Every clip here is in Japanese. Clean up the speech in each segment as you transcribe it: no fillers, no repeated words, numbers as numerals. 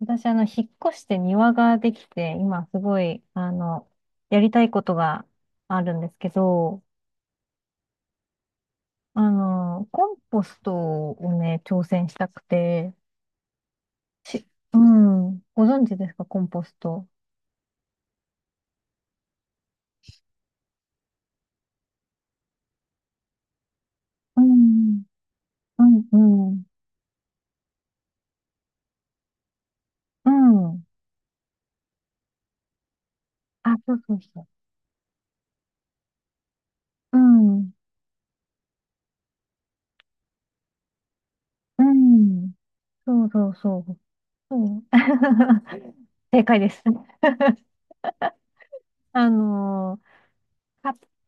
私、引っ越して庭ができて、今すごい、やりたいことがあるんですけど、コンポストをね、挑戦したくて、し、うん、ご存知ですか、コンポスト。うん、うん、うん、うん。あ、そうそうそう。うん、うん、そうそうそう。そう 正解です。あのー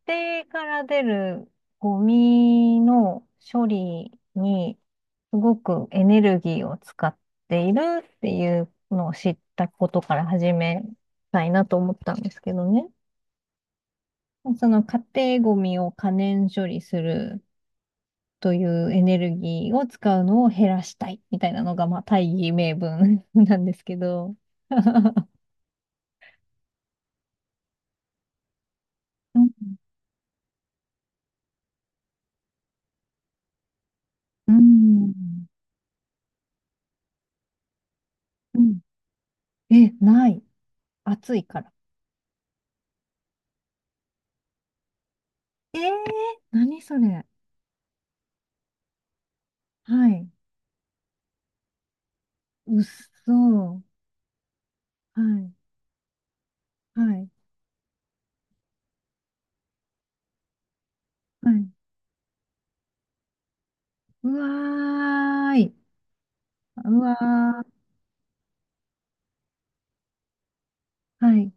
家庭から出るゴミの処理にすごくエネルギーを使っているっていうのを知ったことから始めたいなと思ったんですけどね。その家庭ゴミを可燃処理するというエネルギーを使うのを減らしたいみたいなのが、まあ大義名分 なんですけど。うんうんうん。え、ない。暑いから。えー、何それ。はい。うっそー。はい。はい。はい。うわーい。うわー。はい。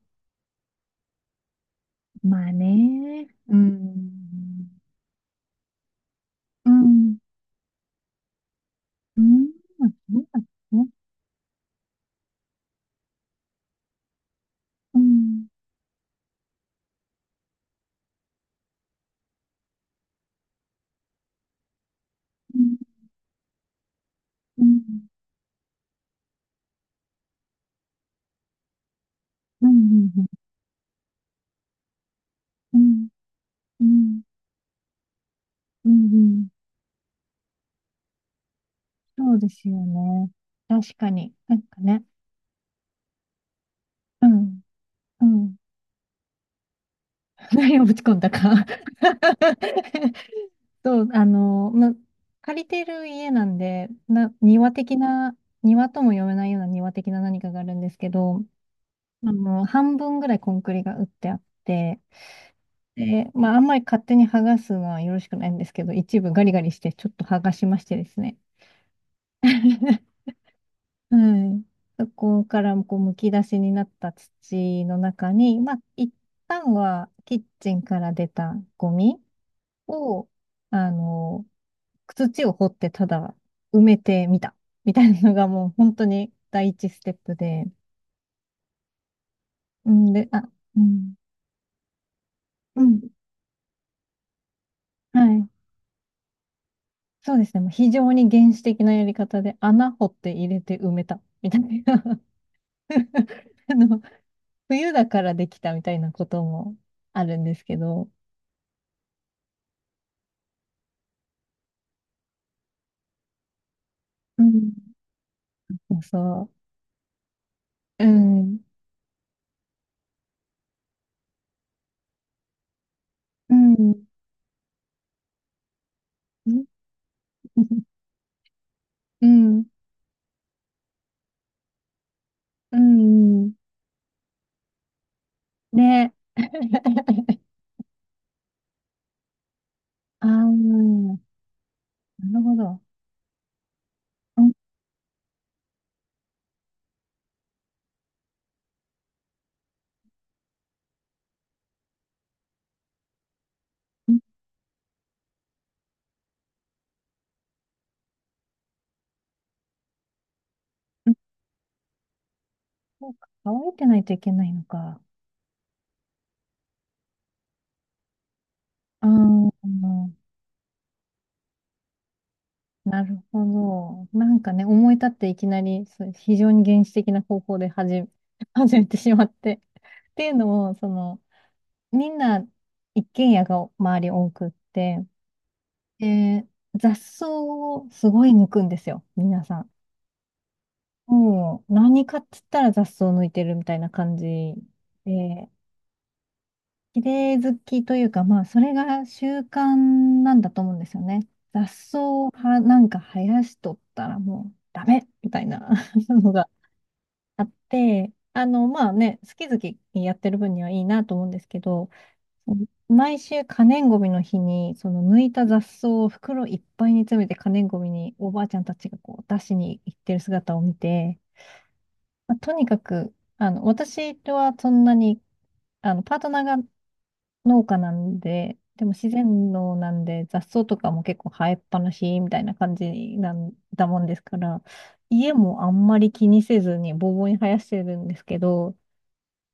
まあね、うん。うん。うん。そうだね。うん。うん。うん。うん。うん。うん。うん。うん、そうですよね。確かに。なんかね。うん。うん。何をぶち込んだか。そう、借りてる家なんで、庭的な、庭とも呼べないような庭的な何かがあるんですけど、半分ぐらいコンクリが打ってあって、で、まあ、あんまり勝手に剥がすのはよろしくないんですけど、一部ガリガリしてちょっと剥がしましてですね。はい。そこからこうむき出しになった土の中に、まあ、一旦はキッチンから出たゴミを、あの、土を掘ってただ埋めてみた。みたいなのがもう本当に第一ステップで。うん、で、あ、うん。うん。はい。そうですね。もう非常に原始的なやり方で穴掘って入れて埋めた。みたいな。あの、冬だからできたみたいなこともあるんですけど。うん。そうそう。うん。うん。うん。うん。ね。ああ、なるほど。うん。そうか、乾いてないといけないのか。あー、なるほど。なんかね、思い立っていきなり、そう非常に原始的な方法で始めてしまって。っていうのも、その、みんな一軒家が周り多くって、で、雑草をすごい抜くんですよ、皆さん。もう、何かっつったら雑草抜いてるみたいな感じで、綺麗好きというか、まあ、それが習慣なんだと思うんですよね。雑草をはなんか生やしとったらもうダメみたいな のがあって、まあね、好き好きやってる分にはいいなと思うんですけど、毎週可燃ごみの日に、その抜いた雑草を袋いっぱいに詰めて可燃ごみにおばあちゃんたちがこう出しに行ってる姿を見て、まあとにかく、私はそんなに、パートナーが農家なんで、でも自然農なんで雑草とかも結構生えっぱなしみたいな感じなんだもんですから、家もあんまり気にせずにボーボーに生やしてるんですけど、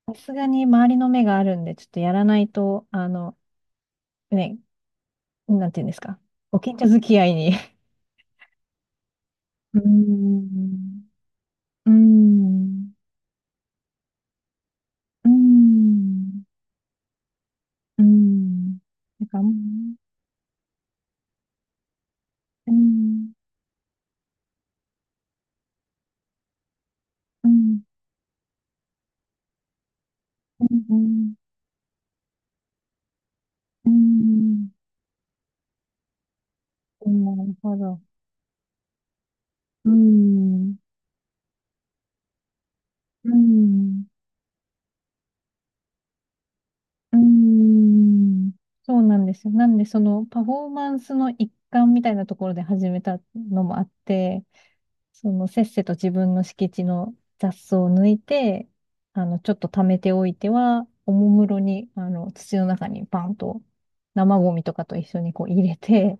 さすがに周りの目があるんで、ちょっとやらないと、ね、なんていうんですか、ご近所付き合いに、うーん、うーん、うーん、うーん、なんか、うーん、うーん、うーん、うーん、うーん、うーん、なるほど。うん、うん、うん。そうなんですよ。なんで、そのパフォーマンスの一環みたいなところで始めたのもあって、せっせと自分の敷地の雑草を抜いて、ちょっと貯めておいては、おもむろに、土の中にバンと生ゴミとかと一緒にこう入れて、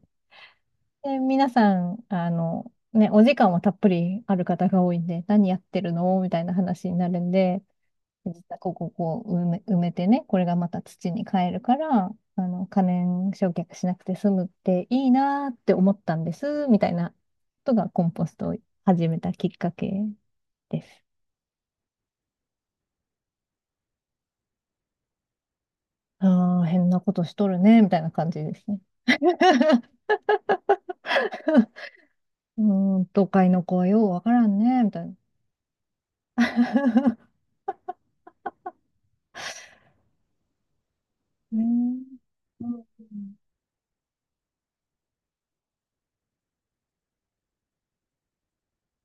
で、皆さん、ね、お時間はたっぷりある方が多いんで、何やってるのみたいな話になるんで、実はここをこう埋めてね、これがまた土に変えるから、可燃焼却しなくて済むっていいなーって思ったんです、みたいなことがコンポストを始めたきっかけです。ああ、変なことしとるね、みたいな感じですね。うーん、都会の子はようわからんね、みたいな。ね、う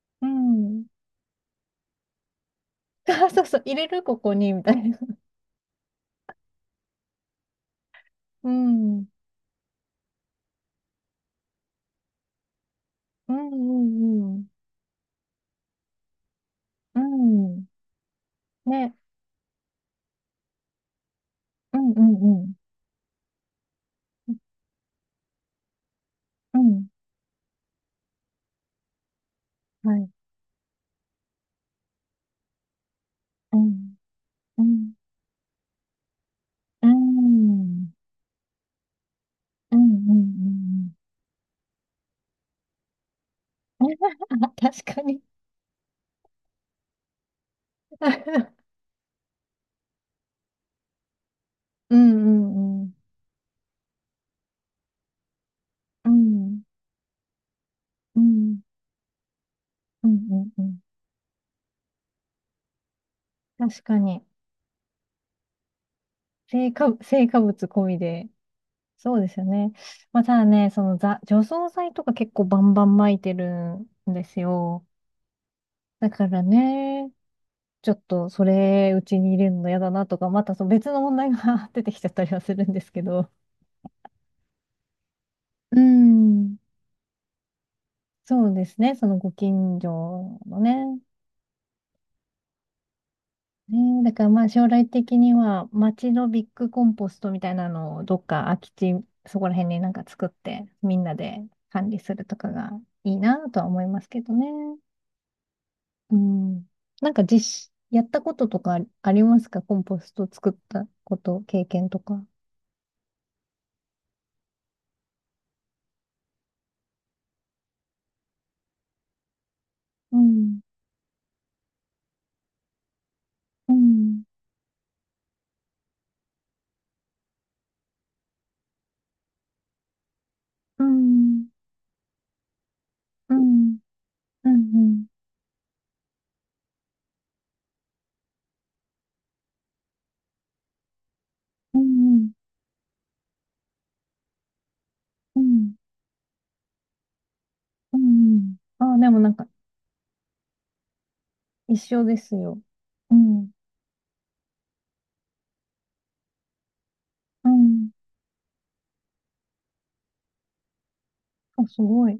ん。うん。あ、そうそう、入れる、ここに、みたいな。うん。うんうんうん。うん。ね、うんうんうん。うん。はい。うん。うん。うん。うんうんうんうん。確かに。うんうんうん。うん。うん。うんうんうん。確かに。成果物込みで。そうですよね。まあ、ただね、除草剤とか結構バンバン撒いてるんですよ。だからね、ちょっとそれ、うちに入れるの嫌だなとか、またその別の問題が 出てきちゃったりはするんですけど。うん、そうですね。そのご近所のね。ね、だからまあ将来的には町のビッグコンポストみたいなのをどっか空き地、そこら辺になんか作ってみんなで管理するとかがいいなとは思いますけどね。うん。なんかやったこととかありますかコンポスト作ったこと、経験とか。うん。うん。うん。うん。うん。うん。うん。うん。うん。うん。ああ、でもなんか一緒ですよ。うん。うん。あ、すごい。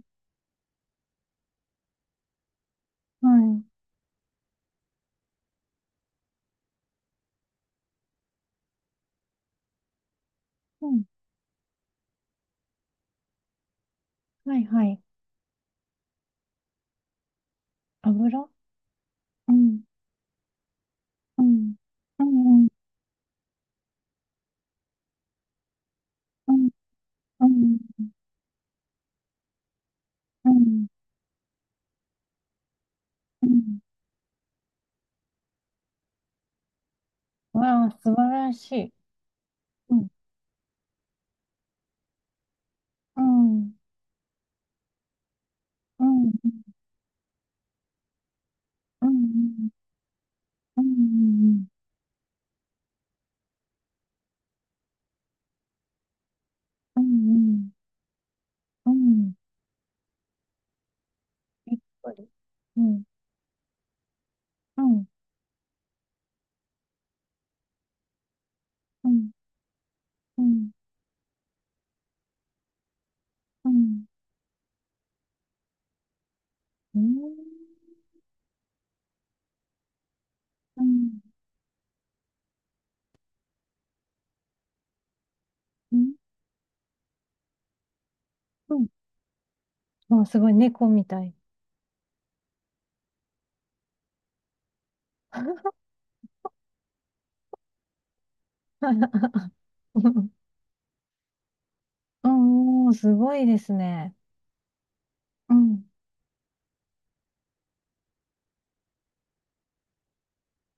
はい。うん。はいはい。油。うん。うん。うん。うん。うん。うん。うん、わあ、素晴らしい。うん。うん。うん。うん。うん。うん。うん。びっくり。うん。うん。うん。うん。うん。うん。うん。うん。うん。わあ、すごい。猫みたい。うん、うん、すごいですね。うん、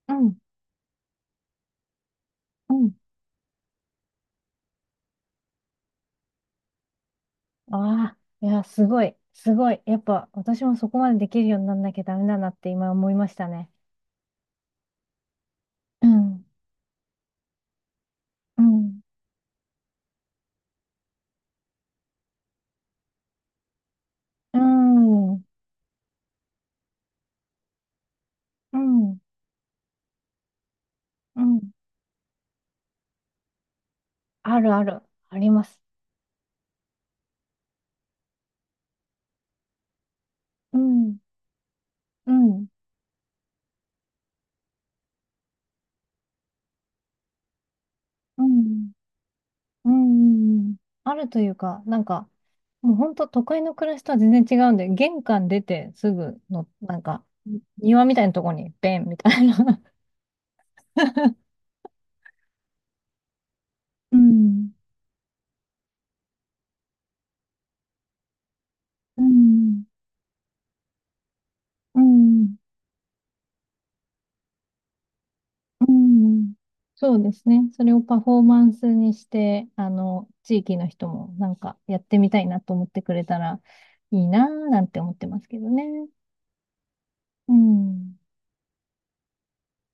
うん、うん。ああ、いや、すごい、すごい。やっぱ、私もそこまでできるようになんなきゃダメだなって今思いましたね。うん、うん、うん、うん、うん。あるある、あります。うん、うん、うん、うん。あるというか、なんか、もう本当都会の暮らしとは全然違うんで、玄関出てすぐの、なんか、庭みたいなとこに、ベンみたいな。うんうん、うん、うん。そうですね。それをパフォーマンスにして、地域の人もなんかやってみたいなと思ってくれたらいいなぁなんて思ってますけどね。うん。